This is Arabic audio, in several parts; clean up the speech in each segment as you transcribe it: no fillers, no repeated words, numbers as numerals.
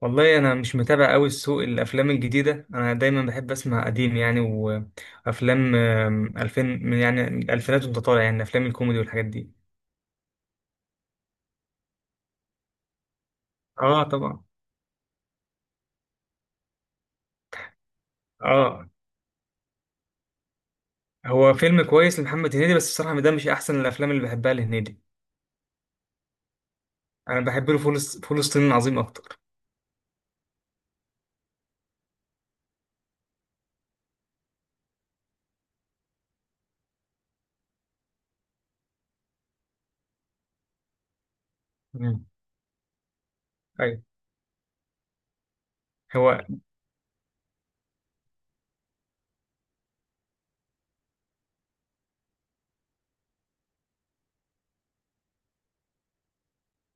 والله، انا مش متابع قوي السوق الافلام الجديده. انا دايما بحب اسمع قديم، يعني وافلام 2000 يعني الالفينات وانت طالع، يعني افلام الكوميدي والحاجات دي. اه، طبعا. اه. هو فيلم كويس لمحمد هنيدي، بس الصراحه ده مش احسن الافلام اللي بحبها لهنيدي. انا بحب له فول الصين العظيم اكتر. مم. ايوه. هو.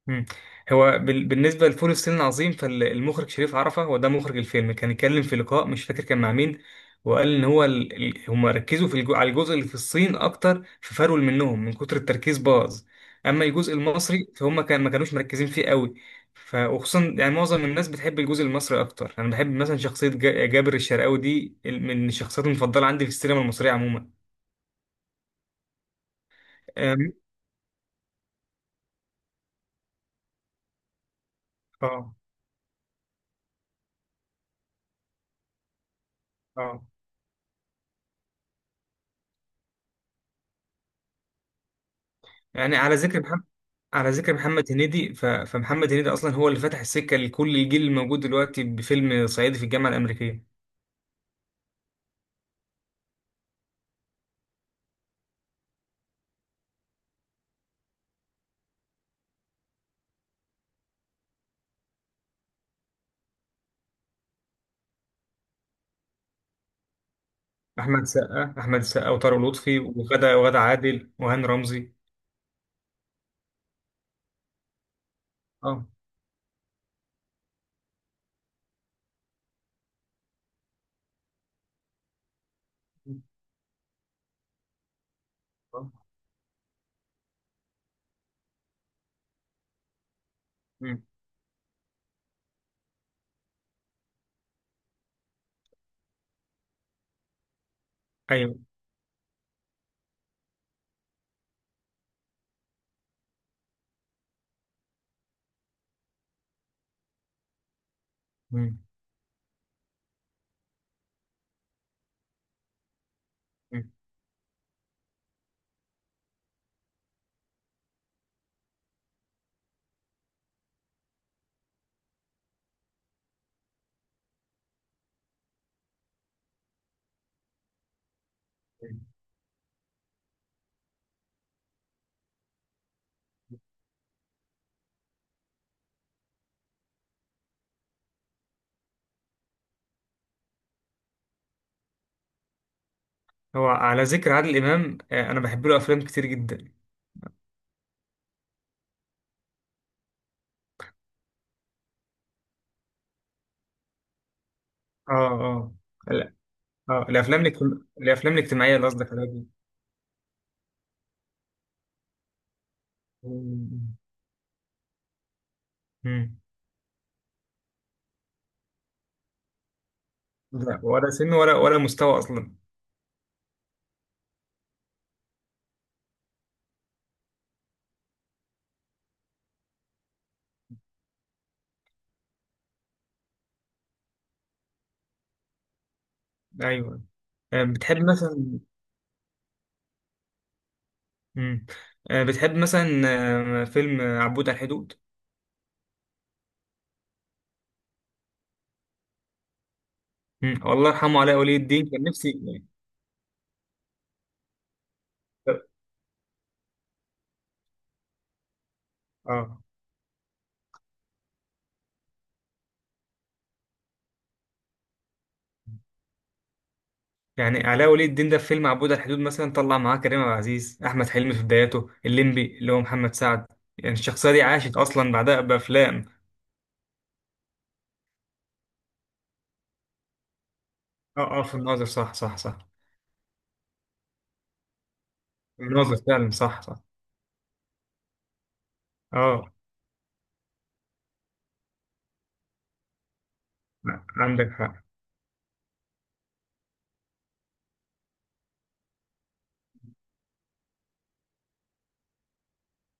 مم. هو بالنسبة لفول الصين العظيم، فالمخرج شريف عرفة هو ده مخرج الفيلم، كان اتكلم في لقاء مش فاكر كان مع مين، وقال ان هو هم ركزوا على الجزء اللي في الصين اكتر، ففرول منهم من كتر التركيز باظ. اما الجزء المصري فهم ما كانوش مركزين فيه قوي. وخصوصا يعني معظم الناس بتحب الجزء المصري اكتر. انا بحب مثلا شخصية جابر الشرقاوي دي، من الشخصيات المفضلة عندي في السينما المصرية عموما. أم... اه، اه. يعني على ذكر محمد هنيدي، فمحمد هنيدي اصلا هو اللي فتح السكه لكل الجيل الموجود دلوقتي بفيلم صعيدي في الجامعه الامريكيه. احمد سقا وطارق لطفي وغدا عادل وهاني رمزي. اه، آه. مم. ايوه. مم. مم. هو على ذكر عادل امام، انا بحب له افلام كتير جدا. اه، اه، لا، اه. الافلام الاجتماعيه اللي قصدك عليها دي. مم. مم. لا، ولا سن، ولا مستوى اصلا. ايوه. بتحب مثلا؟ مم. آه، بتحب مثلا فيلم عبود على الحدود؟ مم. والله يرحمه علاء ولي الدين، كان نفسي. اه، آه. يعني علاء ولي الدين ده في فيلم عبود على الحدود مثلا طلع معاه كريم عبد العزيز، احمد حلمي في بداياته، الليمبي اللي هو محمد سعد. يعني الشخصيه دي عاشت اصلا بعدها بافلام. اه، اه، في الناظر، صح صح صح. الناظر فعلا، صح صح. اه، عندك حق.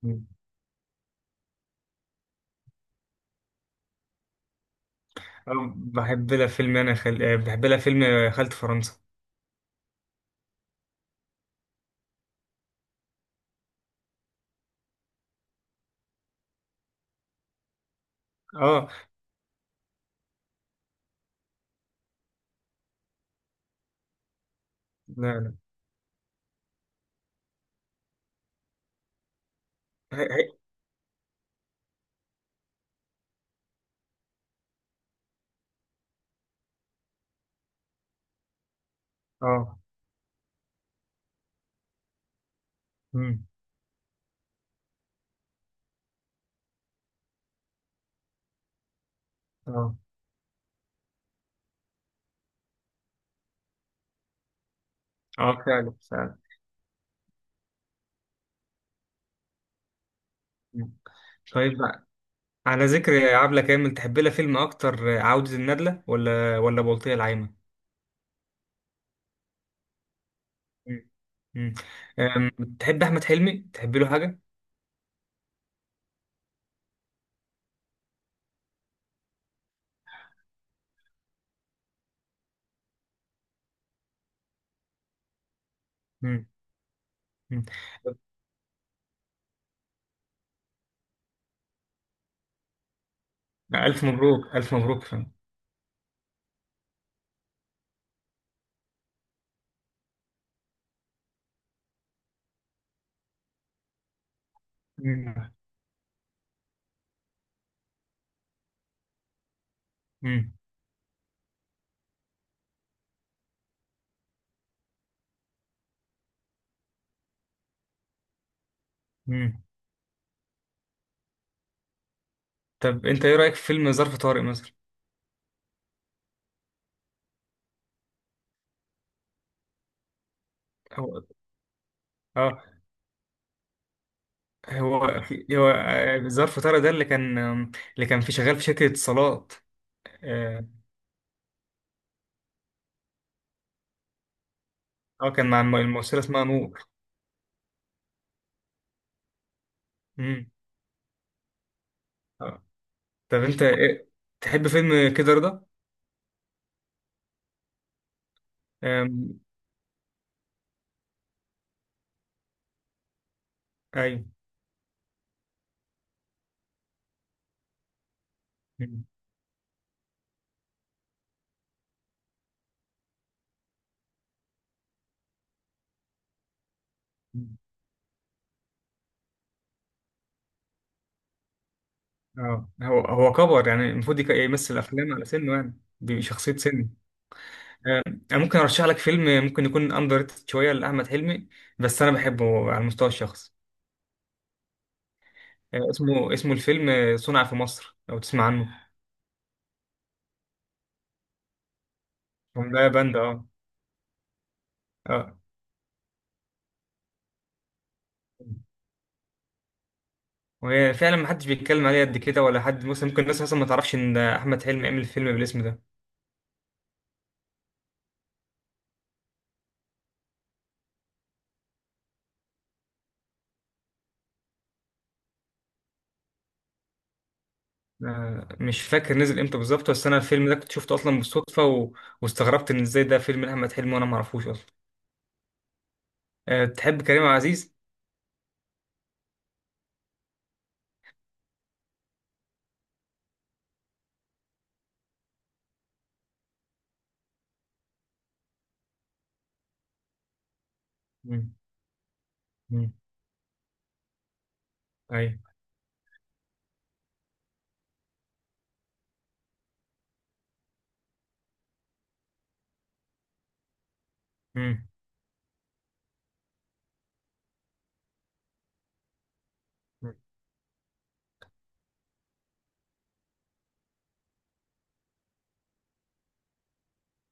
مم. بحب لها فيلم خالة فرنسا. اه، لا، لا. هي- هي- اه. مم. اه، اه، فعلا فعلا. مم. طيب بقى، على ذكر عبلة كامل، تحب لها فيلم اكتر؟ عودة الندلة ولا بلطية العايمة؟ مم. مم. أم، تحب احمد حلمي؟ تحب له حاجة؟ مم. مم. الف مبروك، الف مبروك فعلا. مم. مم. مم. طب انت ايه رأيك في فيلم ظرف طارق مثلا؟ هو. اه. هو ظرف طارق ده اللي كان، اللي كان شغال في شركة اتصالات. اه، كان مع الممثلة اسمها نور. مم. طب انت ايه. تحب فيلم كده رضا؟ أم... ايوه. مم. اه، هو كبر، يعني المفروض يمثل افلام على سنه، يعني بشخصيه سن. انا ممكن ارشح لك فيلم ممكن يكون اندر ريتد شويه لاحمد حلمي، بس انا بحبه على المستوى الشخصي. اسمه، الفيلم صنع في مصر، لو تسمع عنه. هم، ده بند. اه، اه. وهي فعلا ما حدش بيتكلم عليه قد كده، ولا حد مثلا. ممكن الناس اصلا ما تعرفش ان احمد حلمي عمل فيلم بالاسم ده. مش فاكر نزل امتى بالظبط، بس انا الفيلم ده كنت شفته اصلا بالصدفه واستغربت ان ازاي ده فيلم لاحمد حلمي وانا ما اعرفوش اصلا. أه، تحب كريم عبد العزيز؟ مم، مم، ايوه. مم،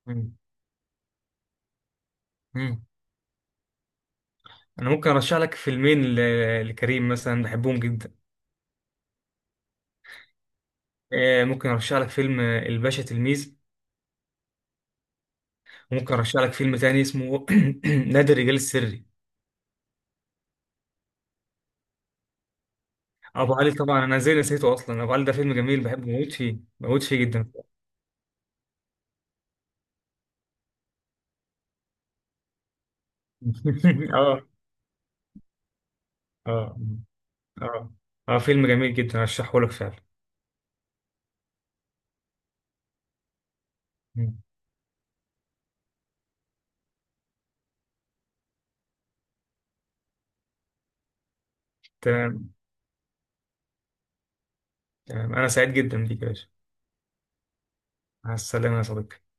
مم، مم. انا ممكن ارشح لك فيلمين لكريم مثلا، بحبهم جدا. أه، ممكن ارشح لك فيلم الباشا تلميذ. وممكن ارشح لك فيلم تاني اسمه نادي الرجال السري. ابو علي؟ طبعا. انا ازاي نسيته اصلا؟ ابو علي ده فيلم جميل، بحبه، بموت فيه، بموت فيه جدا. اه، اه، اه، اه، فيلم جميل جدا ارشحه لك فعلا. مم. تمام. تمام، انا سعيد جدا بيك يا باشا. مع السلامة يا صديقي.